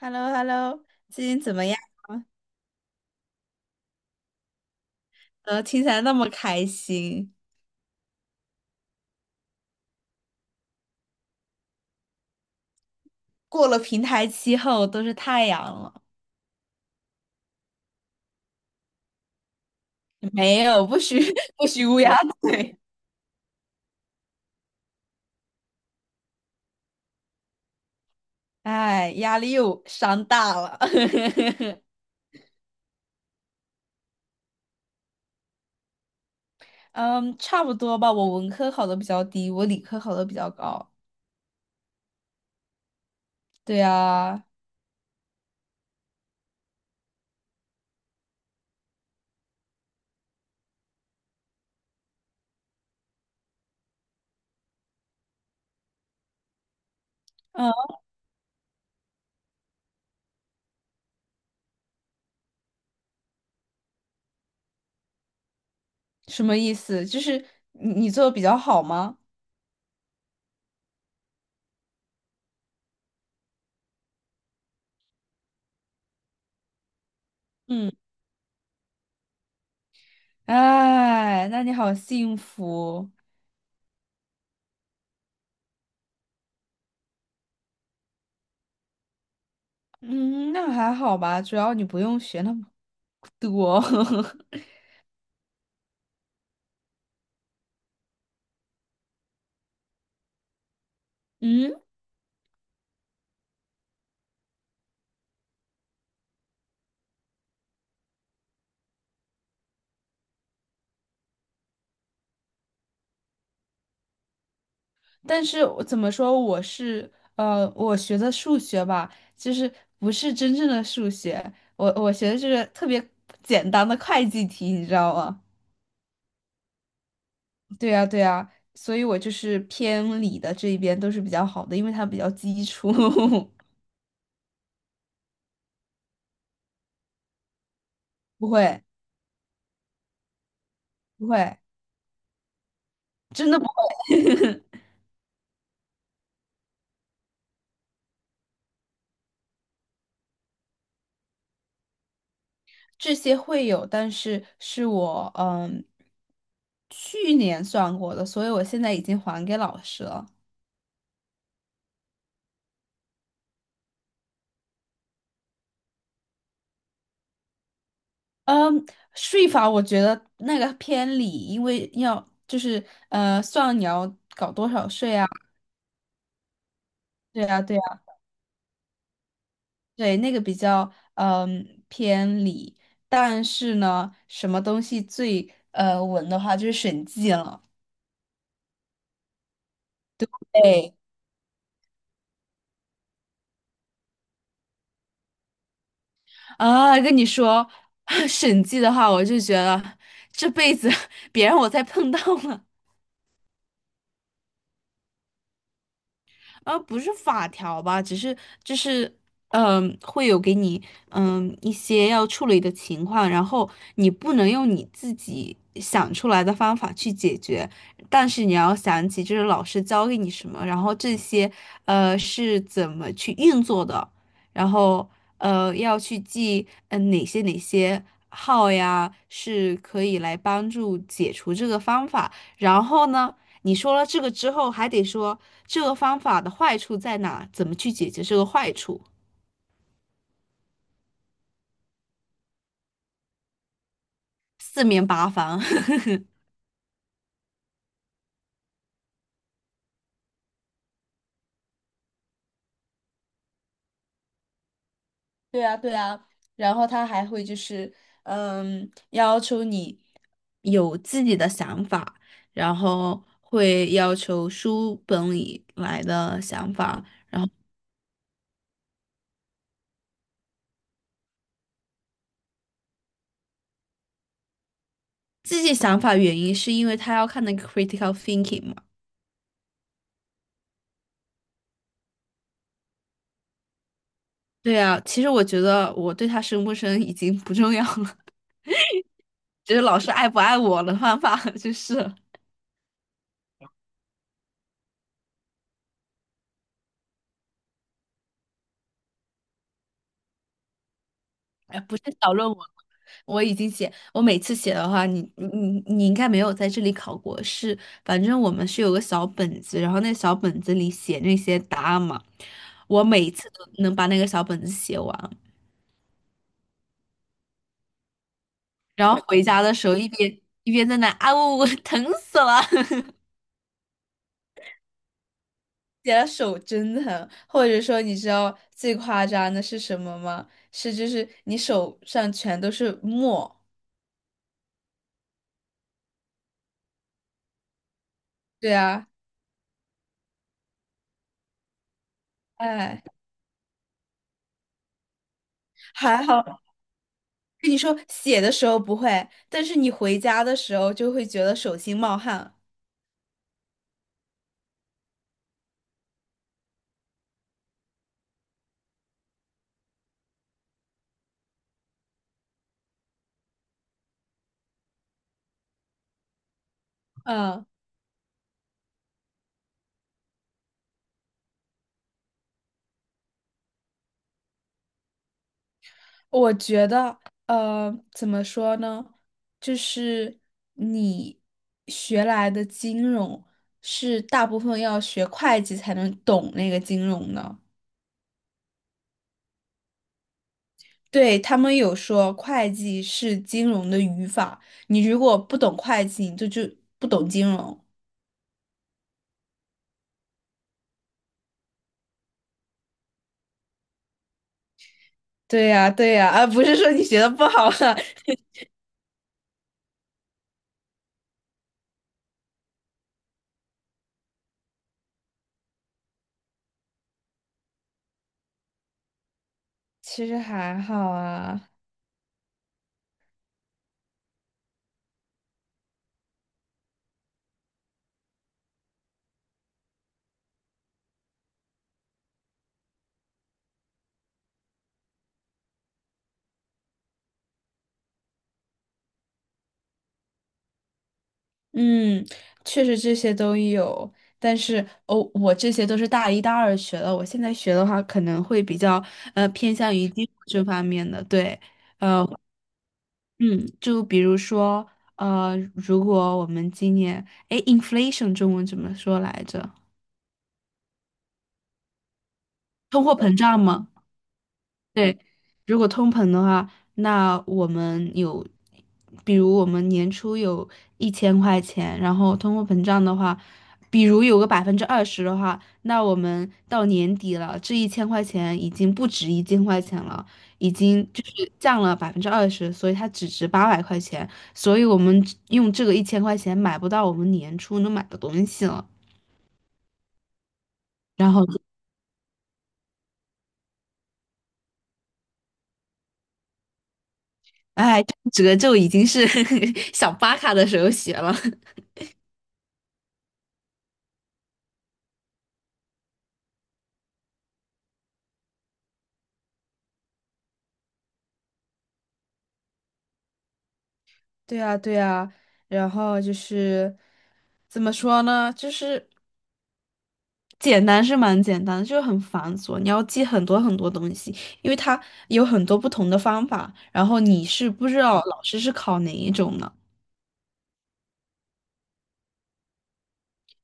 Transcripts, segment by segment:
h e l l o h e l l o 最近怎么样呢？听起来那么开心。过了平台期后都是太阳了，没有，不许 不许乌鸦嘴。哎，压力又山大了。嗯，差不多吧。我文科考的比较低，我理科考的比较高。对啊，嗯，什么意思？就是你做的比较好吗？嗯，哎，那你好幸福。嗯，那还好吧，主要你不用学那么多。嗯，但是我怎么说，我是我学的数学吧，就是不是真正的数学，我学的是特别简单的会计题，你知道吗？对呀，对呀，所以我就是偏理的这一边都是比较好的，因为它比较基础。不会，不会，真的不会。这些会有，但是是我去年算过的，所以我现在已经还给老师了。嗯，税法我觉得那个偏理，因为要就是算你要搞多少税啊，对啊，对啊，对，那个比较偏理。但是呢，什么东西最稳的话就是审计了。对啊，跟你说，审计的话，我就觉得这辈子 别让我再碰到了。不是法条吧，只是就是，会有给你一些要处理的情况，然后你不能用你自己想出来的方法去解决，但是你要想起就是老师教给你什么，然后这些是怎么去运作的，然后要去记哪些号呀是可以来帮助解除这个方法，然后呢？你说了这个之后，还得说这个方法的坏处在哪，怎么去解决这个坏处，四面八方。对啊，对啊，然后他还会就是，要求你，有自己的想法，然后会要求书本里来的想法。自己想法原因是因为他要看那个 critical thinking 嘛。对啊，其实我觉得我对他生不生已经不重要了，就是老师爱不爱我的方法就是了。哎，不是小论文，我已经写，我每次写的话，你应该没有在这里考过，是，反正我们是有个小本子，然后那小本子里写那些答案嘛，我每次都能把那个小本子写完，然后回家的时候一边在那啊呜呜，疼死了，写的手真疼，或者说你知道最夸张的是什么吗？是就是你手上全都是墨，对啊，哎。还好，跟你说写的时候不会，但是你回家的时候就会觉得手心冒汗。嗯，我觉得，怎么说呢？就是你学来的金融是大部分要学会计才能懂那个金融的。对，他们有说会计是金融的语法，你如果不懂会计，你就不懂金融。对呀，对呀，啊，不是说你学的不好啊，其实还好啊。嗯，确实这些都有，但是哦，我这些都是大一大二学的，我现在学的话可能会比较偏向于基础这方面的，对，嗯，就比如说如果我们今年，哎 i n f lation 中文怎么说来着？通货膨胀吗？对，如果通膨的话，那我们有，比如我们年初有一千块钱，然后通货膨胀的话，比如有个百分之二十的话，那我们到年底了，这一千块钱已经不值一千块钱了，已经就是降了百分之二十，所以它只值800块钱，所以我们只用这个一千块钱买不到我们年初能买的东西了，然后，哎，这个就已经是 小巴卡的时候学了。对呀，对呀，然后就是怎么说呢？就是简单是蛮简单的，就是很繁琐，你要记很多很多东西，因为它有很多不同的方法，然后你是不知道老师是考哪一种呢？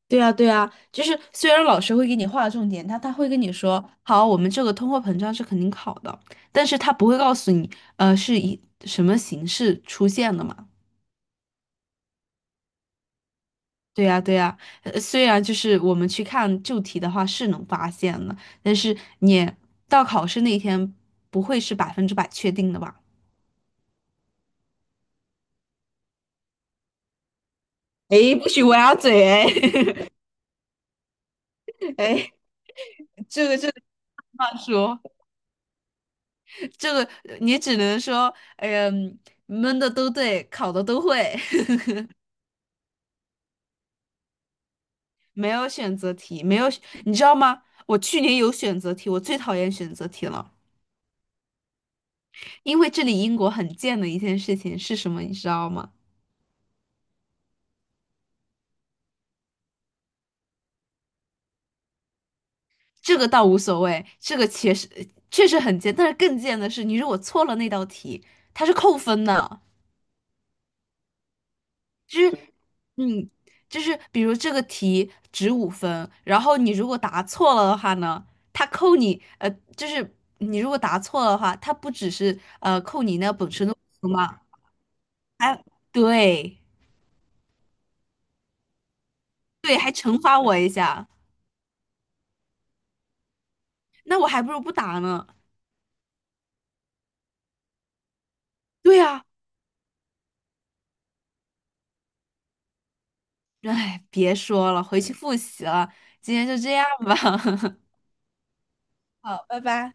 对呀，对呀，就是虽然老师会给你划重点，他会跟你说，好，我们这个通货膨胀是肯定考的，但是他不会告诉你，是以什么形式出现的嘛。对呀，对呀，虽然就是我们去看旧题的话是能发现的，但是你到考试那一天不会是百分之百确定的吧？哎，不许歪嘴哎诶 这个话说，这个你只能说，哎呀，闷的都对，考的都会，没有选择题，没有，你知道吗？我去年有选择题，我最讨厌选择题了，因为这里英国很贱的一件事情是什么，你知道吗？这个倒无所谓，这个确实很贱，但是更贱的是，你如果错了那道题，它是扣分的，就是嗯，就是比如这个题值5分，然后你如果答错了的话呢，它扣你就是你如果答错了的话，它不只是扣你那本身的分嘛，还对对，还惩罚我一下，那我还不如不答呢。对呀，哎，别说了，回去复习了，今天就这样吧。好，拜拜。